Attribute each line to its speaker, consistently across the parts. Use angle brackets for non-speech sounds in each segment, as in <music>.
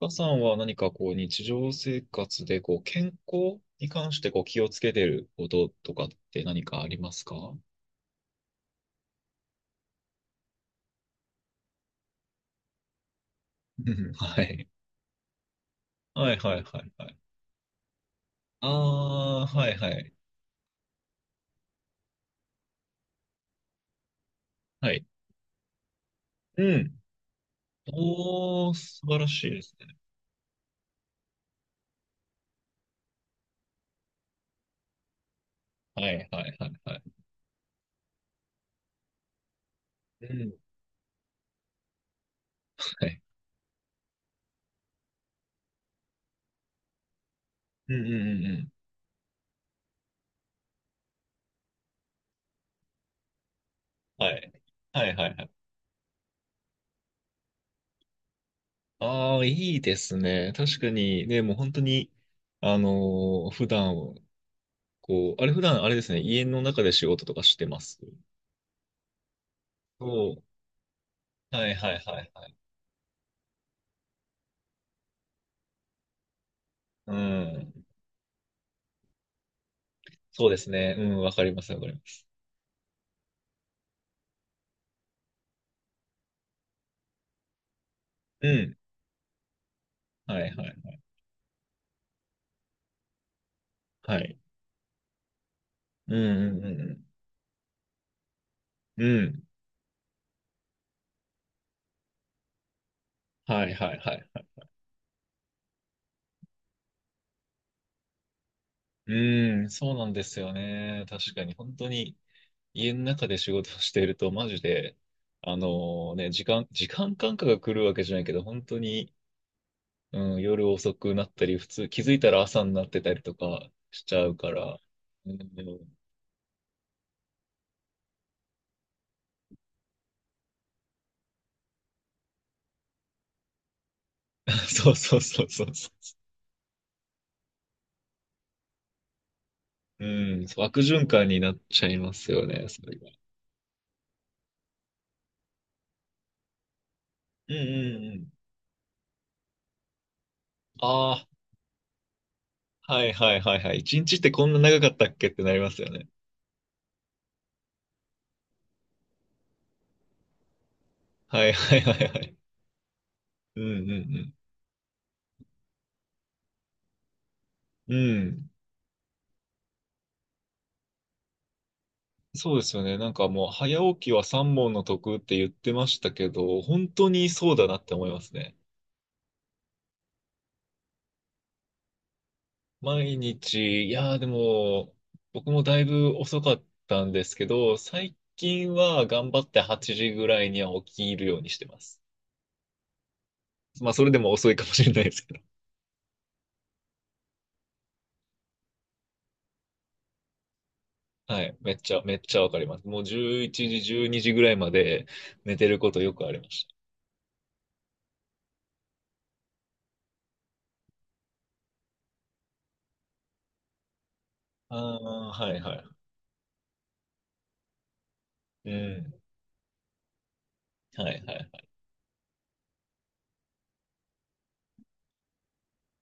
Speaker 1: 岡さんは何かこう日常生活でこう健康に関してこう気をつけてることとかって何かありますか？うん。 <laughs> はい。はいはいはいはい。ああ、はいはい。はい。うん。おー、素晴らしいですね。はいはいはいはい。うん。はい。うんうんうんうん。はい。はいはいはい。ああ、いいですね。確かにね、もう本当に、普段、あれ普段あれですね、家の中で仕事とかしてます。そう、はいはいはいはい。うん。そうですね。うん、わかります、わかります。うん。はいはいはい。はい。うんうんうんうん。うん。はいはいはい。うん、そうなんですよね。確かに、本当に家の中で仕事をしていると、マジで、あのね、時間感覚が来るわけじゃないけど、本当に、うん、夜遅くなったり、普通、気づいたら朝になってたりとかしちゃうから、うん。<laughs> そうそうそうそうそう。うん、そう悪循環になっちゃいますよね、それが。うんうんうん。ああ、はいはいはいはい。一日ってこんな長かったっけってなりますよね。はいはいはいはい。うんうんうん。うん。そうですよね。なんかもう、早起きは三問の得って言ってましたけど、本当にそうだなって思いますね。毎日、いやーでも、僕もだいぶ遅かったんですけど、最近は頑張って8時ぐらいには起きるようにしてます。まあ、それでも遅いかもしれないです。はい。めっちゃ、めっちゃわかります。もう11時、12時ぐらいまで寝てることよくありました。ああ、はいはい。うん。はいはいはい。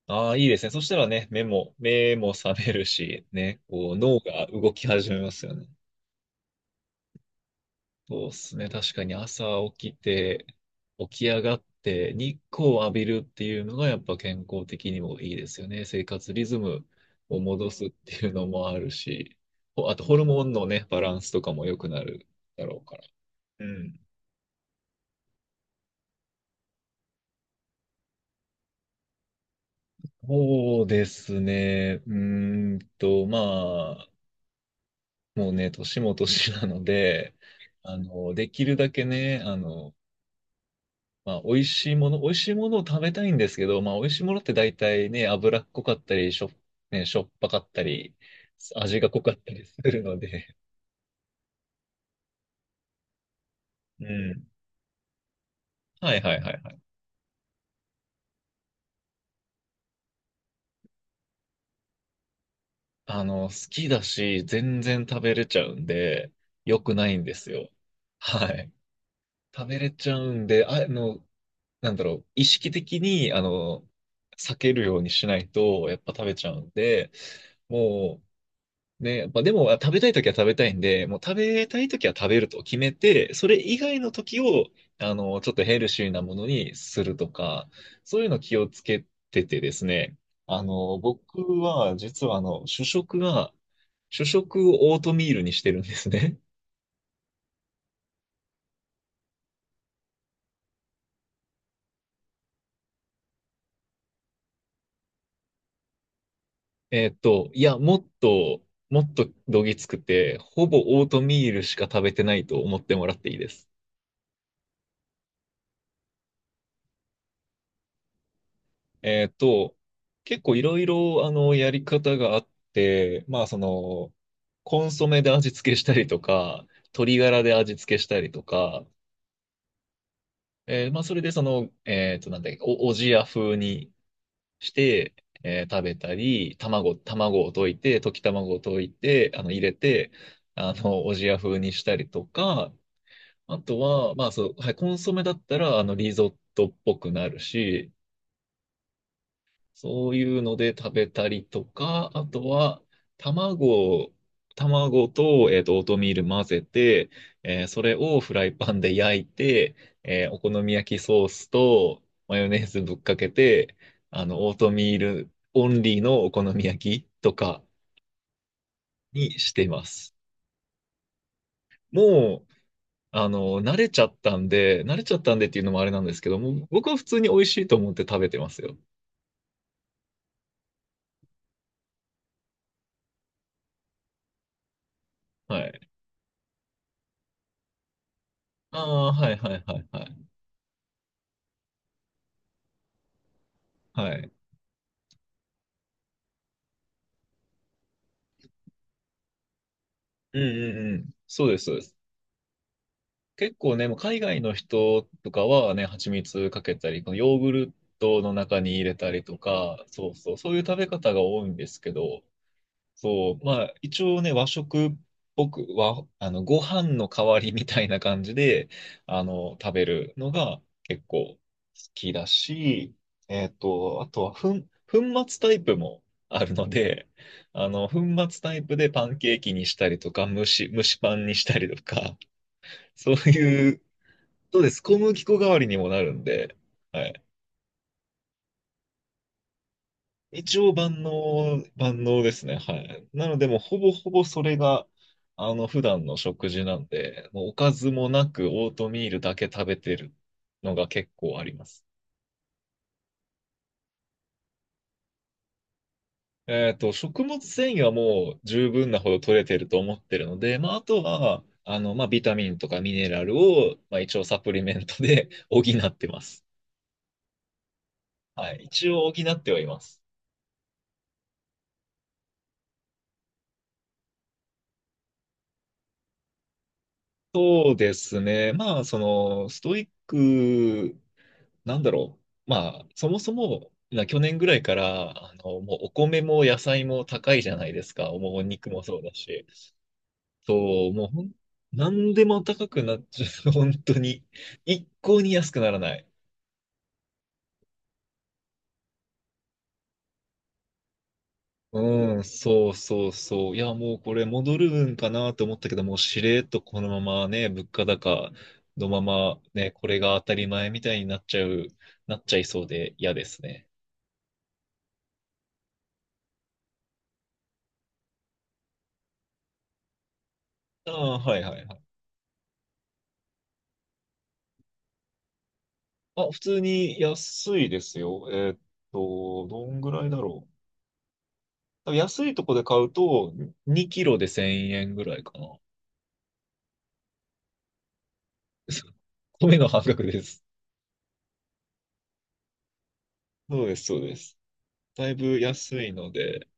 Speaker 1: ああ、いいですね。そしたらね、目も覚めるし、ね、こう脳が動き始めますよね。そうっすね。確かに朝起きて、起き上がって日光を浴びるっていうのがやっぱ健康的にもいいですよね。生活リズムを戻すっていうのもあるし、ほあとホルモンのね、バランスとかも良くなるだろうから。うん。そうですね。まあ、もうね、年も年なので、できるだけね、まあ、美味しいものを食べたいんですけど、まあ、美味しいものって大体ね、脂っこかったり、ね、しょっぱかったり、味が濃かったりするので、うん。はいはいはいはい。好きだし、全然食べれちゃうんで、良くないんですよ。はい。食べれちゃうんで、なんだろう、意識的に、避けるようにしないと、やっぱ食べちゃうんで、もう、ね、やっぱでも、あ食べたいときは食べたいんで、もう食べたいときは食べると決めて、それ以外のときを、ちょっとヘルシーなものにするとか、そういうの気をつけててですね、僕は、実は、主食をオートミールにしてるんですね。いや、もっと、もっとどぎつくて、ほぼオートミールしか食べてないと思ってもらっていいです。えーっと、結構いろいろ、やり方があって、まあ、コンソメで味付けしたりとか、鶏ガラで味付けしたりとか、まあ、それでその、なんだっけ、おじや風にして、食べたり、卵を溶いて、溶き卵を溶いて、入れて、おじや風にしたりとか、あとは、まあそう、はい、コンソメだったら、リゾットっぽくなるし、そういうので食べたりとか、あとは、卵を、卵と、オートミール混ぜて、それをフライパンで焼いて、お好み焼きソースとマヨネーズぶっかけて、オートミールオンリーのお好み焼きとかにしてます。もう、慣れちゃったんで、慣れちゃったんでっていうのもあれなんですけども、僕は普通に美味しいと思って食べてますよ。はい。ああ、はいはいはいはい。はい。うんうんうん。そうです、そうです。結構ね、もう海外の人とかはね、蜂蜜かけたり、このヨーグルトの中に入れたりとか、そうそう、そういう食べ方が多いんですけど、そう、まあ、一応ね、和食っぽく、和、あの、ご飯の代わりみたいな感じで、食べるのが結構好きだし、あとは、粉末タイプもあるので、粉末タイプでパンケーキにしたりとか、蒸しパンにしたりとか、そういう、そうです。小麦粉代わりにもなるんで、はい。一応万能、万能ですね。はい。なので、もうほぼほぼそれが、普段の食事なんで、もうおかずもなくオートミールだけ食べてるのが結構あります。食物繊維はもう十分なほど取れてると思ってるので、まあ、あとは、まあ、ビタミンとかミネラルを、まあ、一応サプリメントで <laughs> 補ってます。はい。一応補ってはいます。そうですね。まあ、ストイックなんだろう。まあ、そもそも、去年ぐらいから、もうお米も野菜も高いじゃないですか。もうお肉もそうだし。そう、もうなんでも高くなっちゃう。<laughs> 本当に。一向に安くならない。うん、そうそうそう。いや、もうこれ戻るんかなと思ったけど、もうしれっとこのままね、物価高のままね、これが当たり前みたいになっちゃいそうで嫌ですね。ああ、はいはいはい。あ、普通に安いですよ。どんぐらいだろう。多分安いとこで買うと、2キロで1000円ぐらいかな。<laughs> 米の半額です。そうです、そうです。だいぶ安いので、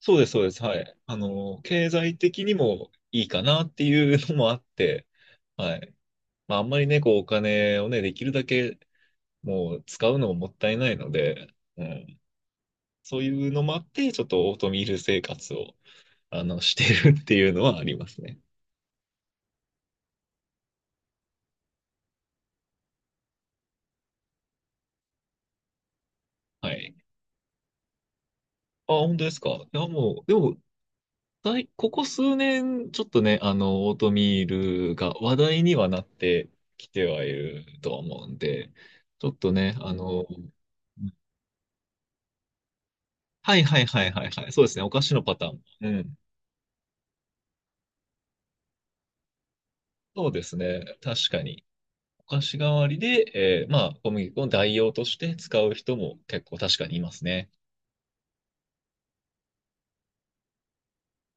Speaker 1: そうです、そうです。はい。経済的にもいいかなっていうのもあって、はい。まあ、あんまりね、こう、お金をね、できるだけもう使うのももったいないので、うん。そういうのもあって、ちょっとオートミール生活をしてるっていうのはありますね。はい。あ、本当ですか。いや、もう、でも、ここ数年、ちょっとね、オートミールが話題にはなってきてはいるとは思うんで、ちょっとね、はいはいはいはいはい。そうですね。お菓子のパターン。うん。そうですね。確かに。お菓子代わりで、まあ、小麦粉を代用として使う人も結構確かにいますね。